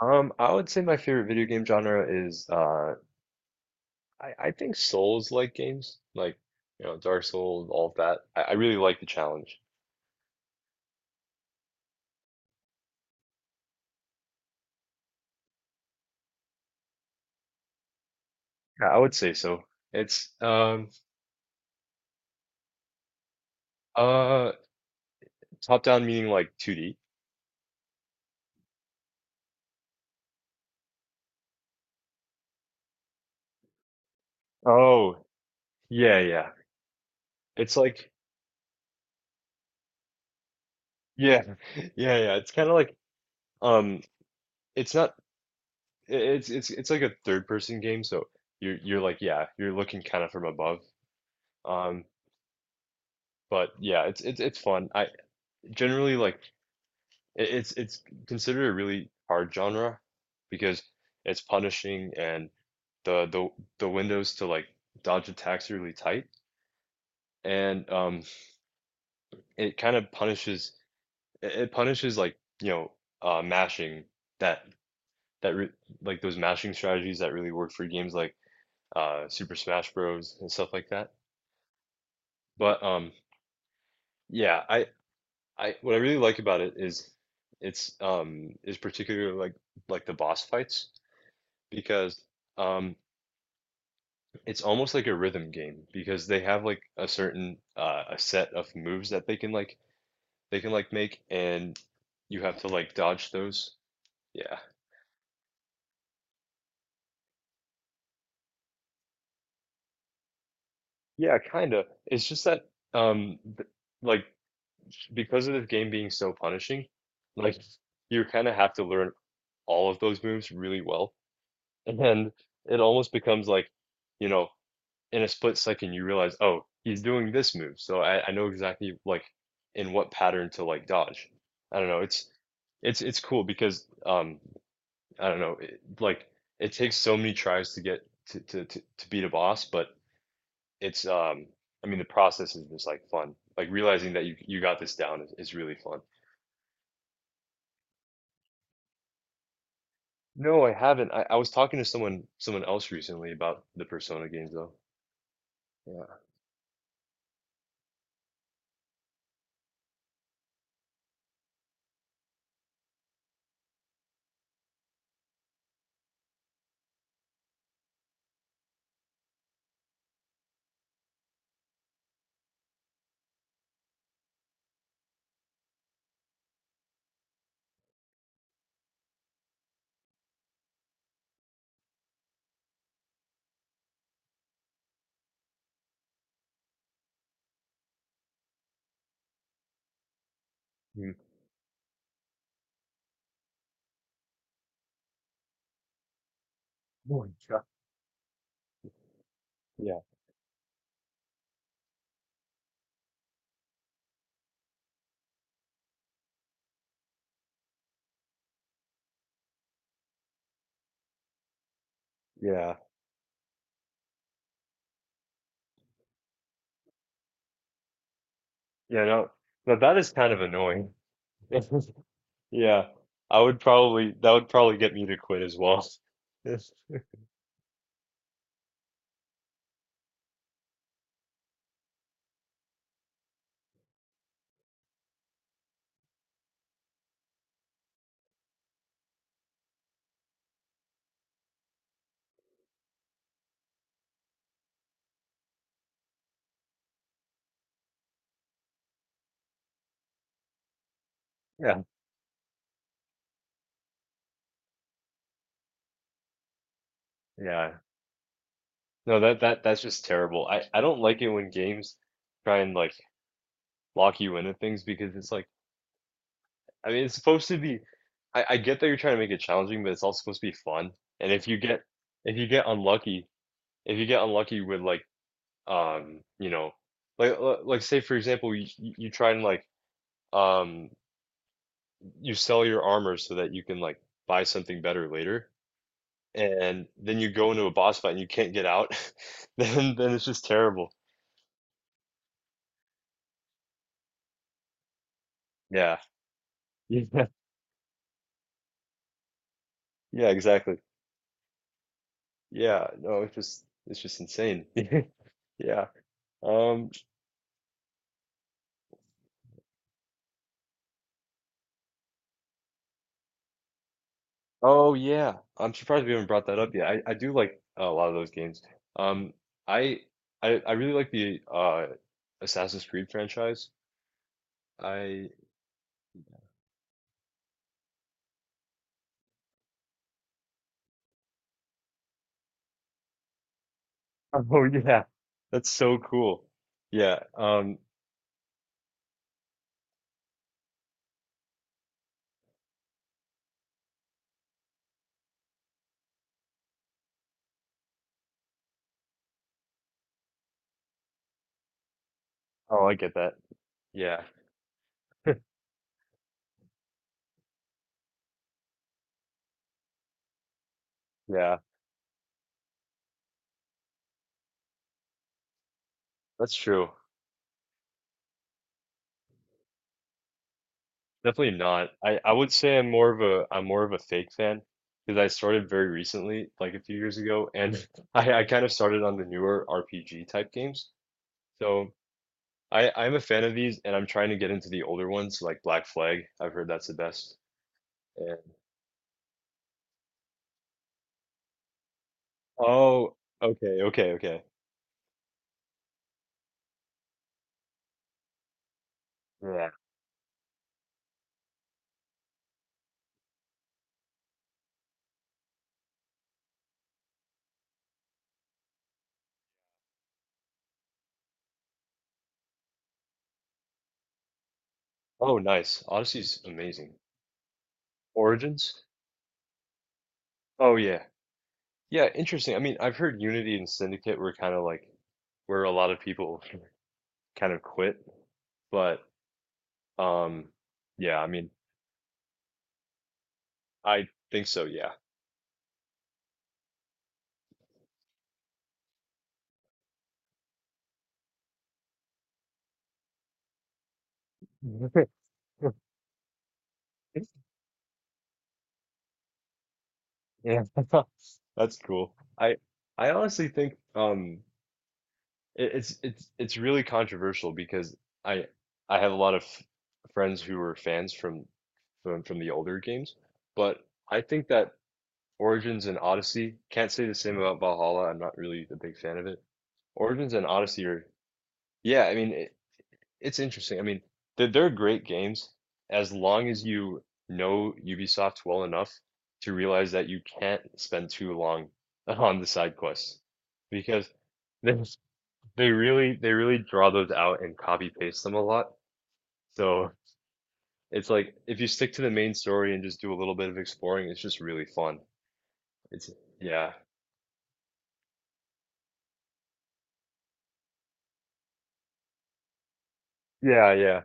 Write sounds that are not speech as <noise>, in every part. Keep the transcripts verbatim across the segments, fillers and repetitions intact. Um, I would say my favorite video game genre is uh I, I think Souls-like games, like you know, Dark Souls, all of that. I, I really like the challenge. Yeah, I would say so. It's um uh Top down meaning like two D. Oh, yeah, yeah. It's like Yeah, <laughs> yeah, yeah. It's kind of like um it's not i- it's it's it's like a third person game, so you're you're like yeah, you're looking kind of from above. Um but yeah, it's it's it's fun. I generally like It, it's it's considered a really hard genre because it's punishing, and the the the windows to like dodge attacks are really tight. And um it kind of punishes it it punishes, like, you know uh mashing, that that re like those mashing strategies that really work for games like uh Super Smash Bros and stuff like that. But um yeah, I I what I really like about it is it's um is particularly like like the boss fights, because um it's almost like a rhythm game because they have like a certain uh, a set of moves that they can like they can like make, and you have to like dodge those. Yeah. Yeah, kind of. It's just that, um th- like, because of the game being so punishing, like, you kind of have to learn all of those moves really well. And then it almost becomes like, you know, in a split second you realize, oh, he's doing this move, so I, I know exactly like in what pattern to like dodge. I don't know. It's it's it's cool, because um I don't know it, like it takes so many tries to get to, to to to beat a boss, but it's um I mean the process is just like fun. Like realizing that you you got this down is, is really fun. No, I haven't. I, I was talking to someone someone else recently about the Persona games though. Yeah. Mm. Oh my God. Yeah. Yeah. Yeah. No. Now that is kind of annoying. <laughs> Yeah, I would probably that would probably get me to quit as well. <laughs> Yeah, yeah. No, that that that's just terrible. I I don't like it when games try and like lock you into things, because it's like, I mean, it's supposed to be, I I get that you're trying to make it challenging, but it's also supposed to be fun. And if you get, if you get unlucky, if you get unlucky with like, um, you know, like li- like, say for example, you you you try and like um you sell your armor so that you can like buy something better later, and then you go into a boss fight and you can't get out, <laughs> then then it's just terrible. Yeah. <laughs> Yeah. Yeah, exactly. Yeah. No, it's just, it's just insane. <laughs> Yeah. Um, oh yeah. I'm surprised we haven't brought that up yet. I, I do like, oh, a lot of those games. Um, I I I really like the uh Assassin's Creed franchise. I <laughs> Oh yeah. That's so cool. Yeah. Um, oh, I get that. Yeah. <laughs> Yeah, that's true. Definitely not. I I would say I'm more of a, I'm more of a fake fan, because I started very recently, like a few years ago, and <laughs> I I kind of started on the newer R P G type games. So I I'm a fan of these, and I'm trying to get into the older ones like Black Flag. I've heard that's the best. And oh, okay, okay, okay. Yeah. Oh, nice. Odyssey's amazing. Origins? Oh yeah. Yeah, interesting. I mean, I've heard Unity and Syndicate were kind of like where a lot of people <laughs> kind of quit. But um, yeah, I mean, I think so, yeah. <laughs> Yeah. <laughs> That's cool. I I honestly think um it, it's it's it's really controversial because I I have a lot of f- friends who were fans from from from the older games, but I think that Origins and Odyssey, can't say the same about Valhalla. I'm not really a big fan of it. Origins and Odyssey are, yeah, I mean, it's interesting. I mean, they're, they're great games as long as you know Ubisoft well enough to realize that you can't spend too long <laughs> on the side quests, because they they really they really draw those out and copy paste them a lot. So it's like if you stick to the main story and just do a little bit of exploring, it's just really fun. It's yeah. Yeah, yeah.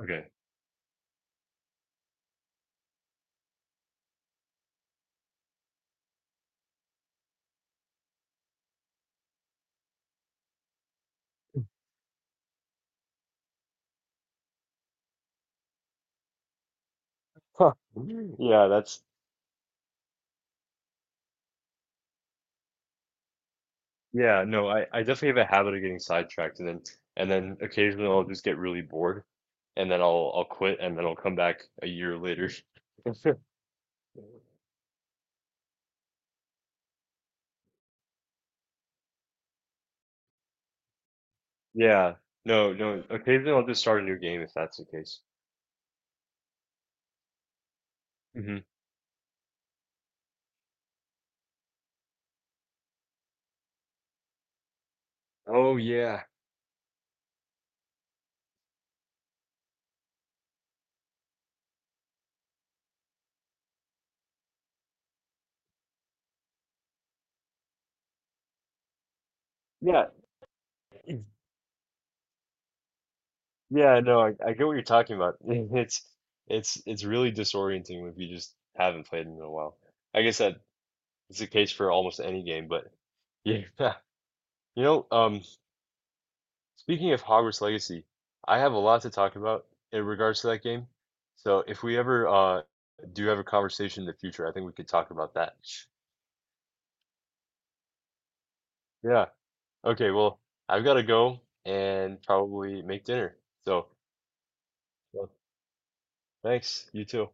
Okay. Huh. Yeah, that's, yeah, no, I, I definitely have a habit of getting sidetracked, and then and then occasionally I'll just get really bored, and then I'll I'll quit and then I'll come back a year later. <laughs> Yeah. No, no. Occasionally I'll just start a new game if that's the case. Hmm. Oh yeah. Yeah. it's- Yeah, no, I, I get what you're talking about. <laughs> It's it's it's really disorienting if you just haven't played in a while. I guess that it's the case for almost any game, but yeah. <laughs> You know, um speaking of Hogwarts Legacy, I have a lot to talk about in regards to that game. So if we ever uh do have a conversation in the future, I think we could talk about that. Yeah. Okay, well, I've got to go and probably make dinner. So, well, thanks. You too.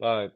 Bye.